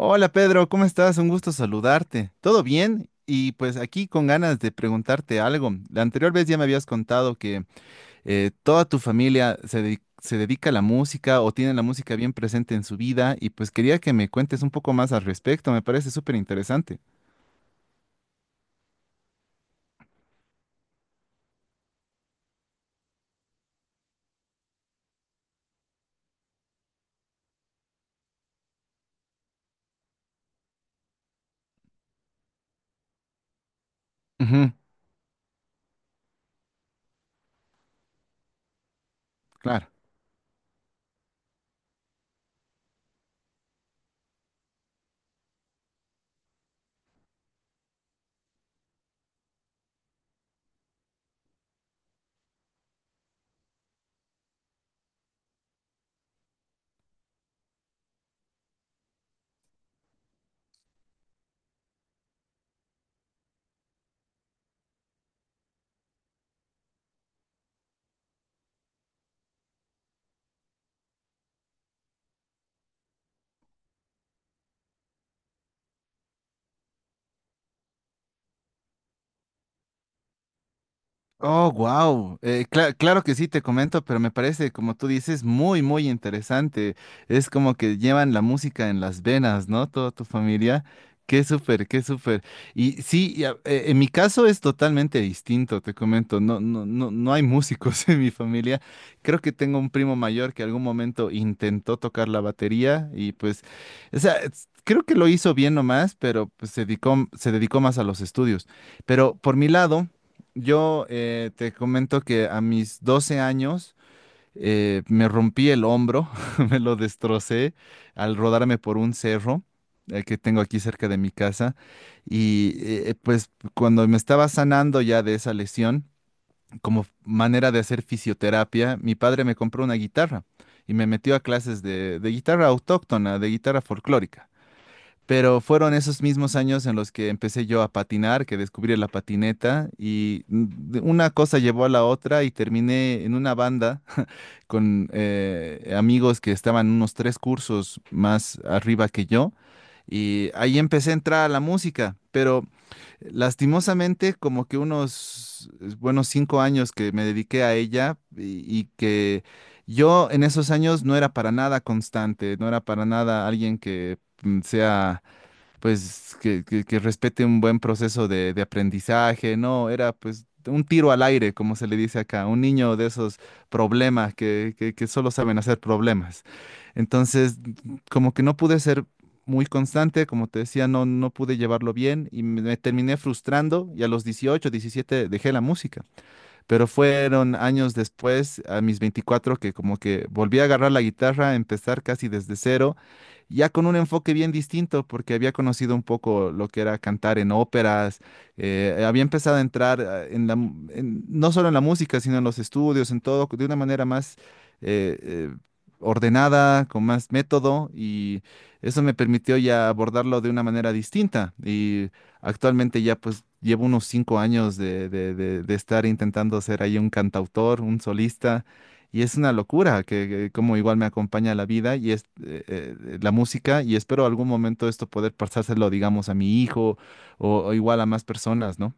Hola Pedro, ¿cómo estás? Un gusto saludarte. ¿Todo bien? Y pues aquí con ganas de preguntarte algo. La anterior vez ya me habías contado que toda tu familia se, se dedica a la música o tiene la música bien presente en su vida y pues quería que me cuentes un poco más al respecto. Me parece súper interesante. Ujú, claro. Oh, wow. Claro que sí, te comento, pero me parece, como tú dices, muy, muy interesante. Es como que llevan la música en las venas, ¿no? Toda tu familia. Qué súper, qué súper. Y sí, en mi caso es totalmente distinto, te comento. No, no, no, no hay músicos en mi familia. Creo que tengo un primo mayor que algún momento intentó tocar la batería y pues, o sea, creo que lo hizo bien nomás, pero pues, se dedicó más a los estudios. Pero por mi lado... Yo te comento que a mis 12 años me rompí el hombro, me lo destrocé al rodarme por un cerro que tengo aquí cerca de mi casa. Y pues cuando me estaba sanando ya de esa lesión, como manera de hacer fisioterapia, mi padre me compró una guitarra y me metió a clases de guitarra autóctona, de guitarra folclórica. Pero fueron esos mismos años en los que empecé yo a patinar, que descubrí la patineta y una cosa llevó a la otra y terminé en una banda con amigos que estaban unos tres cursos más arriba que yo y ahí empecé a entrar a la música, pero lastimosamente como que unos buenos cinco años que me dediqué a ella y que yo en esos años no era para nada constante, no era para nada alguien que sea pues que respete un buen proceso de aprendizaje, no, era pues un tiro al aire, como se le dice acá, un niño de esos problemas que solo saben hacer problemas. Entonces, como que no pude ser muy constante, como te decía, no, no pude llevarlo bien y me terminé frustrando y a los 18, 17 dejé la música. Pero fueron años después, a mis 24, que como que volví a agarrar la guitarra, empezar casi desde cero, ya con un enfoque bien distinto, porque había conocido un poco lo que era cantar en óperas, había empezado a entrar en la, no solo en la música, sino en los estudios, en todo, de una manera más eh, eh, ordenada, con más método, y eso me permitió ya abordarlo de una manera distinta. Y actualmente ya pues llevo unos cinco años de, de estar intentando ser ahí un cantautor, un solista, y es una locura que como igual me acompaña la vida y es la música, y espero algún momento esto poder pasárselo, digamos, a mi hijo o igual a más personas, ¿no?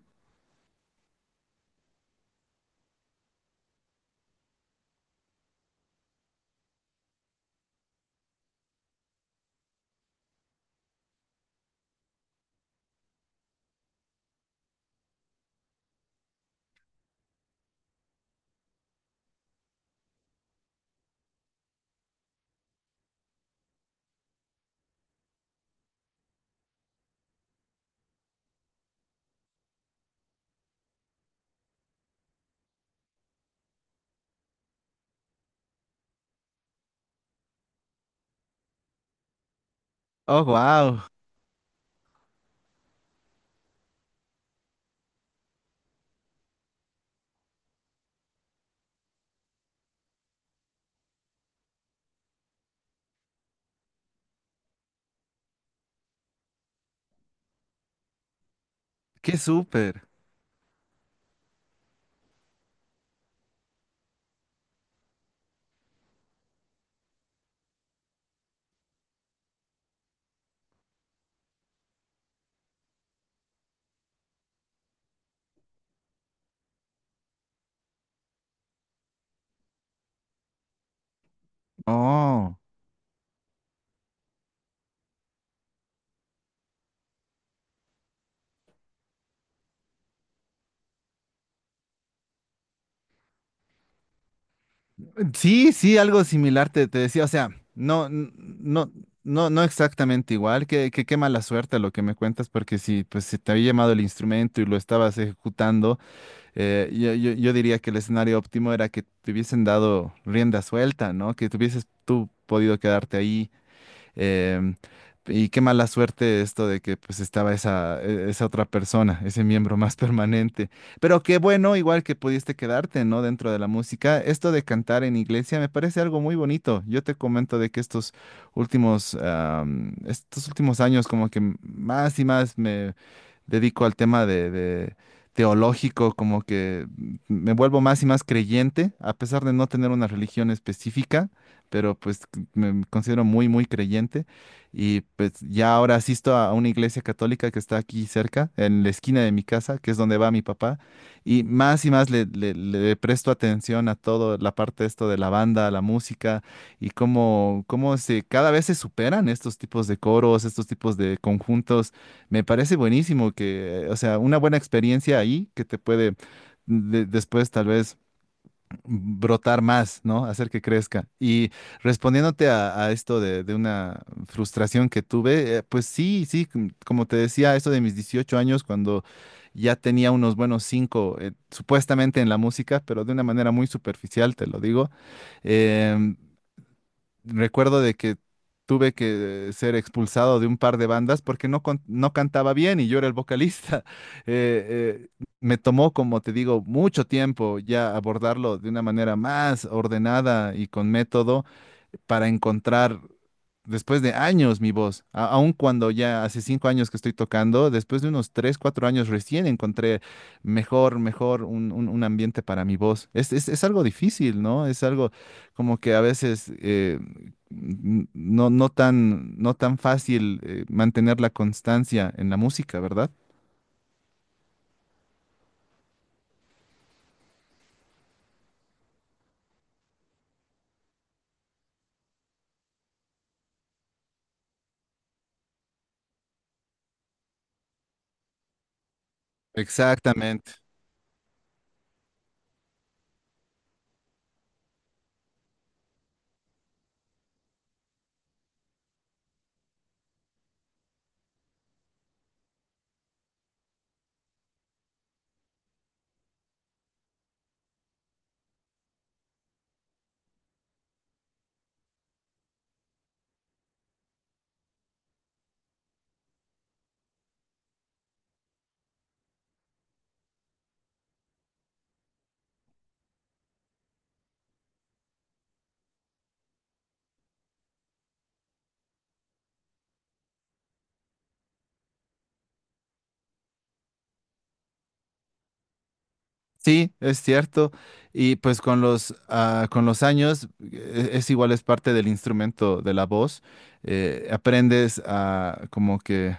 Oh, wow, qué súper. Oh. Sí, sí, algo similar te, te decía, o sea, no, no, no exactamente igual, que qué mala suerte lo que me cuentas, porque si pues si te había llamado el instrumento y lo estabas ejecutando, yo diría que el escenario óptimo era que te hubiesen dado rienda suelta, ¿no? Que tuvieses tú podido quedarte ahí. Em, y qué mala suerte esto de que pues estaba esa, esa otra persona, ese miembro más permanente. Pero qué bueno, igual que pudiste quedarte, ¿no? Dentro de la música. Esto de cantar en iglesia me parece algo muy bonito. Yo te comento de que estos últimos, estos últimos años como que más y más me dedico al tema de teológico, como que me vuelvo más y más creyente, a pesar de no tener una religión específica, pero pues me considero muy, muy creyente y pues ya ahora asisto a una iglesia católica que está aquí cerca, en la esquina de mi casa, que es donde va mi papá, y más le presto atención a todo la parte esto de la banda, la música y cómo, cómo se, cada vez se superan estos tipos de coros, estos tipos de conjuntos. Me parece buenísimo que, o sea, una buena experiencia ahí que te puede después tal vez brotar más, ¿no? Hacer que crezca. Y respondiéndote a esto de una frustración que tuve, pues sí, sí, como te decía, esto de mis 18 años, cuando ya tenía unos buenos cinco, supuestamente en la música, pero de una manera muy superficial, te lo digo, em, recuerdo de que tuve que ser expulsado de un par de bandas porque no, no cantaba bien y yo era el vocalista. Me tomó, como te digo, mucho tiempo ya abordarlo de una manera más ordenada y con método para encontrar después de años mi voz, aun cuando ya hace cinco años que estoy tocando, después de unos tres, cuatro años recién encontré mejor, mejor un, un ambiente para mi voz. Es, es algo difícil, ¿no? Es algo como que a veces no, no tan, no tan fácil mantener la constancia en la música, ¿verdad? Exactamente. Sí, es cierto. Y pues con los, con los años es, igual, es parte del instrumento de la voz. Aprendes a como que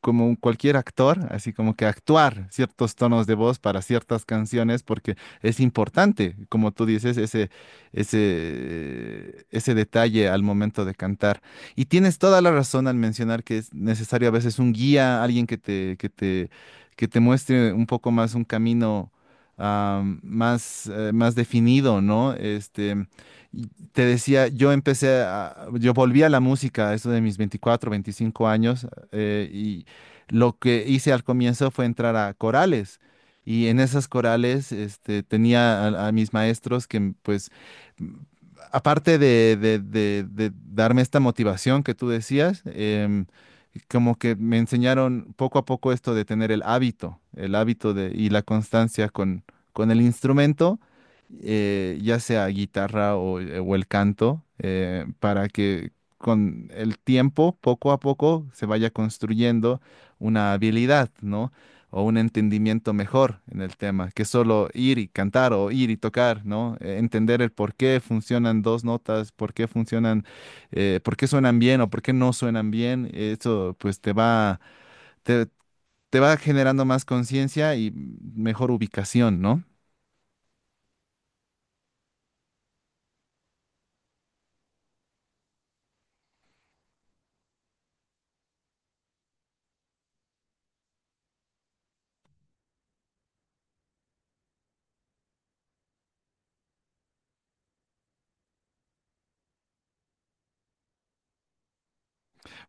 como cualquier actor, así como que actuar ciertos tonos de voz para ciertas canciones, porque es importante, como tú dices, ese detalle al momento de cantar. Y tienes toda la razón al mencionar que es necesario a veces un guía, alguien que te muestre un poco más un camino, más definido, ¿no? Este, y te decía, yo volví a la música, a eso de mis 24 25 años, y lo que hice al comienzo fue entrar a corales y en esas corales este, tenía a mis maestros que pues m- aparte de, de darme esta motivación que tú decías, como que me enseñaron poco a poco esto de tener el hábito de, y la constancia con el instrumento, ya sea guitarra o el canto, para que con el tiempo, poco a poco, se vaya construyendo una habilidad, ¿no? O un entendimiento mejor en el tema, que solo ir y cantar o ir y tocar, ¿no? Entender el por qué funcionan dos notas, por qué funcionan, por qué suenan bien o por qué no suenan bien, eso pues te va, te, te va generando más conciencia y mejor ubicación, ¿no?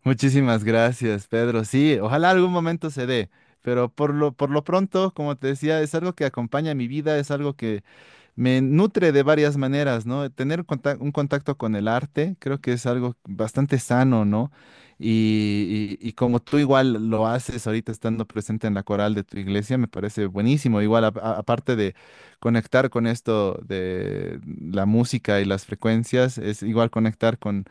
Muchísimas gracias, Pedro. Sí, ojalá algún momento se dé. Pero por lo pronto, como te decía, es algo que acompaña mi vida, es algo que me nutre de varias maneras, ¿no? Tener un contacto con el arte creo que es algo bastante sano, ¿no? Y, y como tú igual lo haces ahorita estando presente en la coral de tu iglesia, me parece buenísimo. Igual, aparte de conectar con esto de la música y las frecuencias, es igual conectar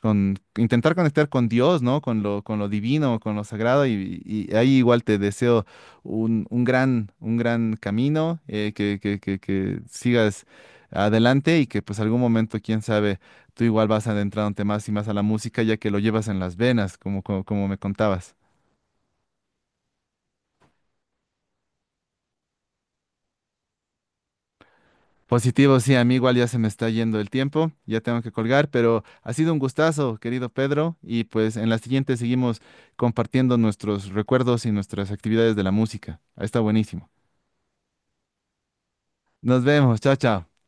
con intentar conectar con Dios, ¿no? Con lo divino, con lo sagrado, y ahí igual te deseo un gran camino, que sigas adelante y que pues algún momento, quién sabe, tú igual vas adentrándote más y más a la música ya que lo llevas en las venas, como me contabas. Positivo, sí, a mí igual ya se me está yendo el tiempo, ya tengo que colgar, pero ha sido un gustazo, querido Pedro, y pues en la siguiente seguimos compartiendo nuestros recuerdos y nuestras actividades de la música. Está buenísimo. Nos vemos, chao, chao.